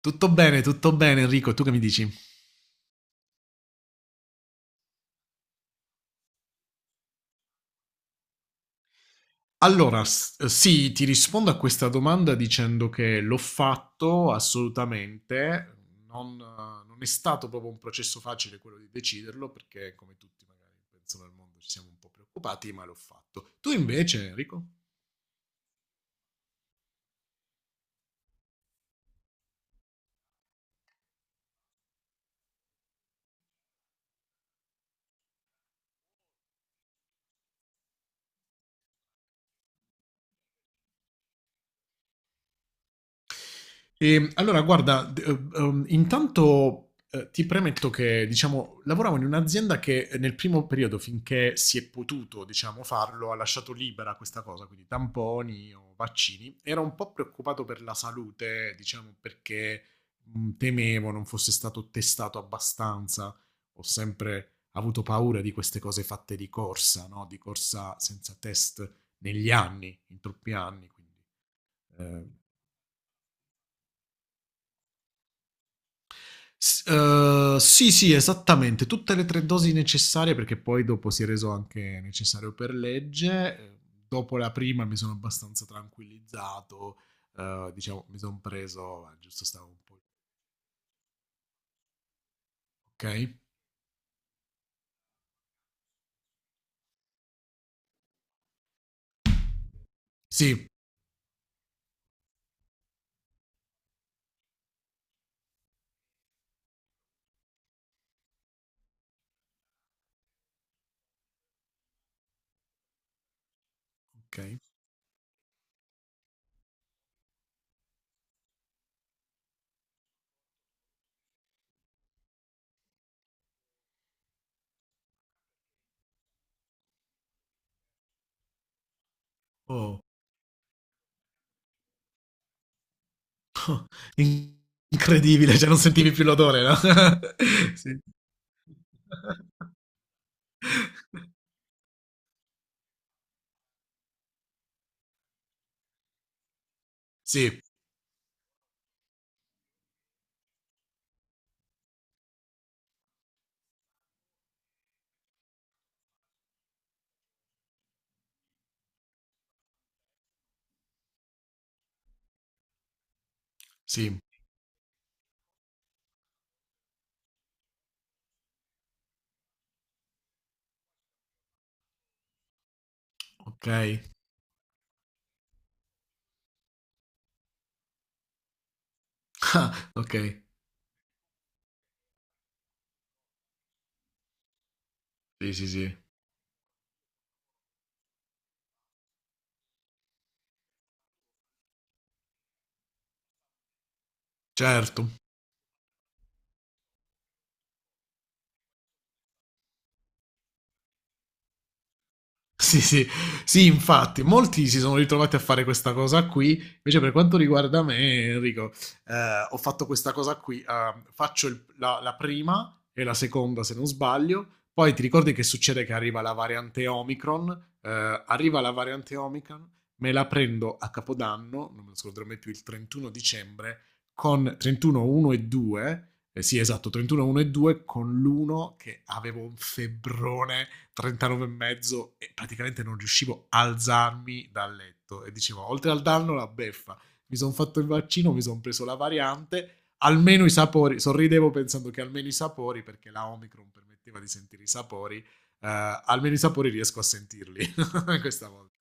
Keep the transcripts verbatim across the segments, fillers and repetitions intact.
Tutto bene, tutto bene Enrico, tu che mi dici? Allora, s- eh, sì, ti rispondo a questa domanda dicendo che l'ho fatto assolutamente, non, eh, non è stato proprio un processo facile quello di deciderlo perché come tutti magari pensano al mondo ci siamo un po' preoccupati, ma l'ho fatto. Tu invece Enrico? E, allora, guarda, d- ehm, ehm, intanto eh, ti premetto che, diciamo, lavoravo in un'azienda che eh, nel primo periodo, finché si è potuto, diciamo, farlo, ha lasciato libera questa cosa, quindi tamponi o vaccini. Era un po' preoccupato per la salute, diciamo, perché mh, temevo non fosse stato testato abbastanza. Ho sempre avuto paura di queste cose fatte di corsa, no? Di corsa senza test negli anni, in troppi anni, quindi eh, S- eh, sì, sì, esattamente, tutte le tre dosi necessarie perché poi dopo si è reso anche necessario per legge. Eh, Dopo la prima mi sono abbastanza tranquillizzato, eh, diciamo, mi sono preso, ah, giusto stavo un po', ok? Sì, ok. Oh, in- incredibile, cioè non sentivi più l'odore, no? Sì. Sì, sì, ok. Ah, ok, sì, sì, sì, certo. Sì, sì, sì, infatti, molti si sono ritrovati a fare questa cosa qui. Invece, per quanto riguarda me, Enrico, eh, ho fatto questa cosa qui. Eh, faccio il- la, la prima e la seconda, se non sbaglio. Poi ti ricordi che succede che arriva la variante Omicron? Eh, arriva la variante Omicron, me la prendo a Capodanno, non me lo scorderò mai più, il trentuno dicembre, con trentuno, uno e due. Eh, sì, esatto, trentuno, uno e due, con l'uno che avevo un febbrone trentanove e mezzo e praticamente non riuscivo a alzarmi dal letto e dicevo oltre al danno la beffa mi sono fatto il vaccino mi sono preso la variante almeno i sapori sorridevo pensando che almeno i sapori perché la Omicron permetteva di sentire i sapori eh, almeno i sapori riesco a sentirli questa volta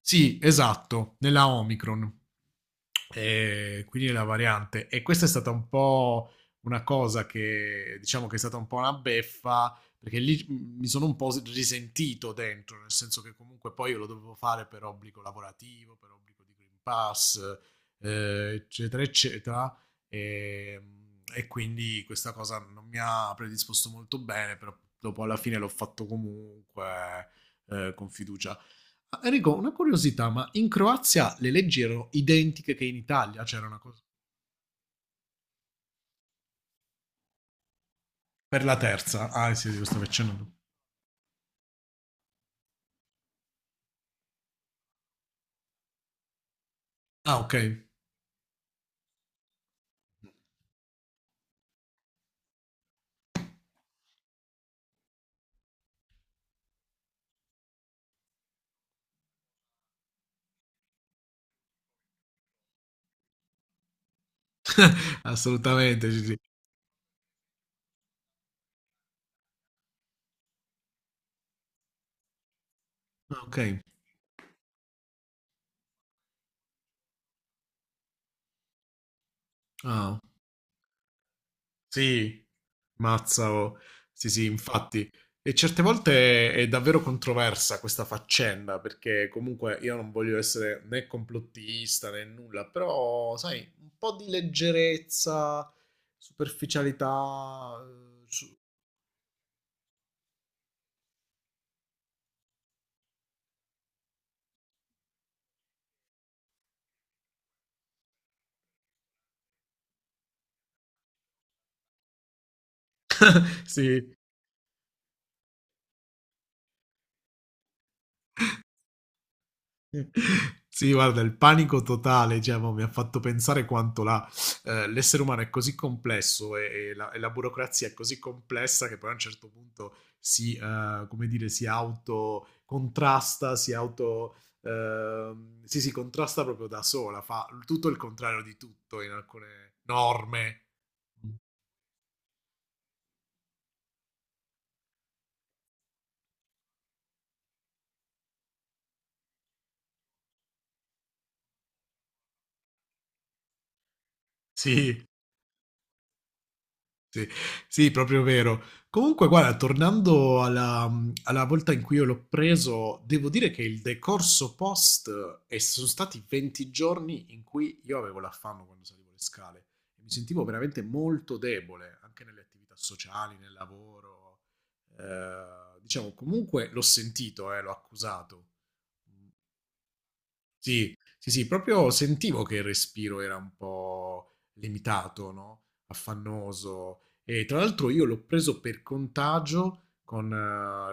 sì esatto nella Omicron. E quindi la variante. E questa è stata un po' una cosa che diciamo che è stata un po' una beffa perché lì mi sono un po' risentito dentro, nel senso che comunque poi io lo dovevo fare per obbligo lavorativo, per obbligo di Green Pass, eh, eccetera, eccetera. E, e quindi questa cosa non mi ha predisposto molto bene, però dopo alla fine l'ho fatto comunque eh, con fiducia. Ah, Enrico, una curiosità, ma in Croazia le leggi erano identiche che in Italia? C'era una cosa... Per la terza? Ah, sì, sì, lo stavi accennando. Ah, ok. Assolutamente, sì, sì. Ah, ok. Ah, sì. Mazza, oh. Sì, sì, infatti. E certe volte è davvero controversa questa faccenda, perché comunque io non voglio essere né complottista né nulla, però, sai, un po' di leggerezza, superficialità. eh, Sì, sì, guarda, il panico totale, cioè, mo, mi ha fatto pensare quanto la, eh, l'essere umano è così complesso e, e la, e la burocrazia è così complessa che poi a un certo punto si, eh, come dire, si autocontrasta, si auto, ehm, sì, si contrasta proprio da sola, fa tutto il contrario di tutto in alcune norme. Sì. Sì, sì, proprio vero. Comunque, guarda, tornando alla, alla volta in cui io l'ho preso, devo dire che il decorso post eh, e sono stati venti giorni in cui io avevo l'affanno quando salivo le scale e mi sentivo veramente molto debole anche nelle attività sociali, nel lavoro. Eh, diciamo, comunque l'ho sentito, eh, l'ho accusato. Sì, sì, sì, proprio sentivo che il respiro era un po' limitato, no? Affannoso. E tra l'altro io l'ho preso per contagio con eh,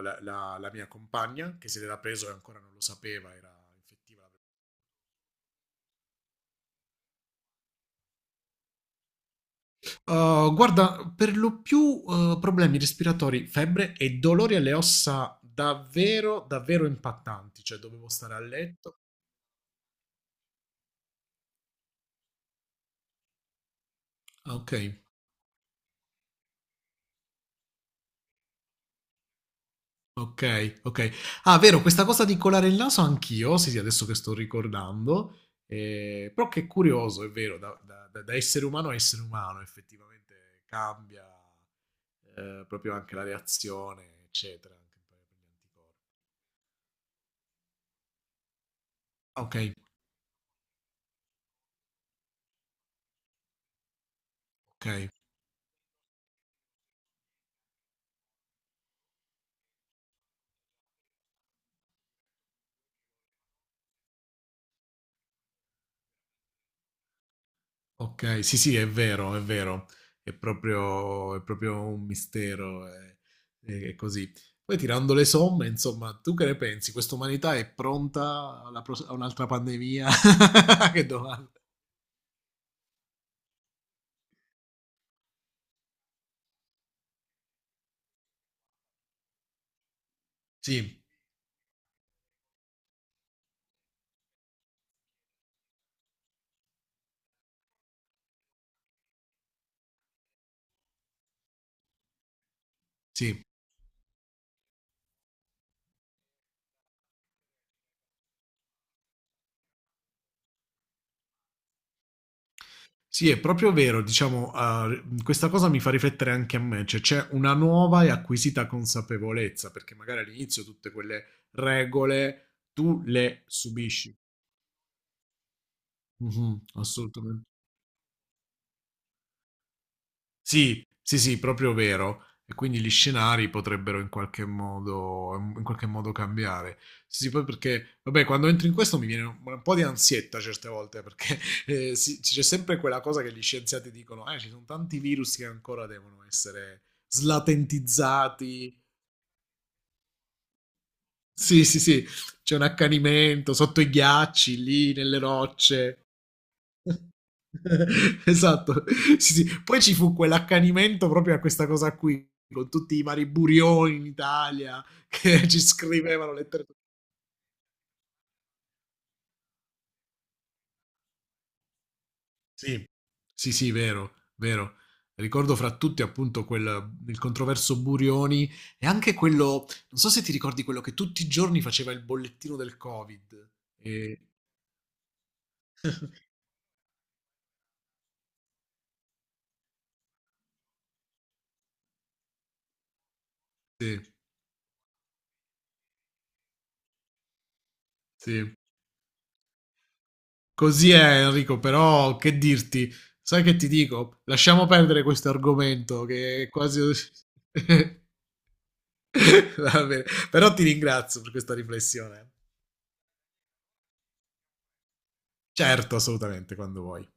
la, la- la mia compagna, che se l'era preso e ancora non lo sapeva, era infettiva. Uh, guarda, per lo più uh, problemi respiratori, febbre e dolori alle ossa davvero, davvero impattanti, cioè dovevo stare a letto. Ah, ok. Okay, okay. Ah, vero, questa cosa di colare il naso anch'io, sì, sì, adesso che sto ricordando, ehm, però che curioso, è vero, da da da da essere umano a essere umano effettivamente cambia, ehm, proprio anche la reazione, eccetera, anche poi con gli anticorpi. Ah, okay, okay, okay, sì, sì, è vero, è vero. È proprio è proprio un mistero, è è è così. Poi tirando le somme, insomma, tu che ne pensi? Questa umanità è pronta alla pros a un'altra pandemia? Ah, che domanda. Sì. Sì. Sì, è proprio vero, diciamo, uh, questa cosa mi fa riflettere anche a me, cioè c'è una nuova e acquisita consapevolezza, perché magari all'inizio tutte quelle regole tu le subisci. Mhm, assolutamente. Sì, sì, sì, proprio vero. E quindi gli scenari potrebbero in qualche modo, in qualche modo cambiare. Sì, sì, poi perché, vabbè, quando entro in questo mi viene un, un po' di ansietta certe volte, eh, perché eh, sì, c'è sempre quella cosa che gli scienziati dicono, eh, ci sono tanti virus che ancora devono essere slatentizzati. Sì, sì, sì, c'è un accanimento sotto i ghiacci, lì nelle rocce. Esatto, sì, sì. Poi ci fu quell'accanimento proprio a questa cosa qui, con tutti i vari burioni in Italia che ci scrivevano lettere. Sì, sì, sì, vero, vero. Ricordo fra tutti appunto quel, il controverso Burioni e anche quello, non so se ti ricordi quello che tutti i giorni faceva il bollettino del Covid. E- sì, sì. Così è Enrico, però che dirti? Sai che ti dico? Lasciamo perdere questo argomento che è quasi... Va bene. Però ti ringrazio per questa riflessione. Certo, assolutamente, quando vuoi.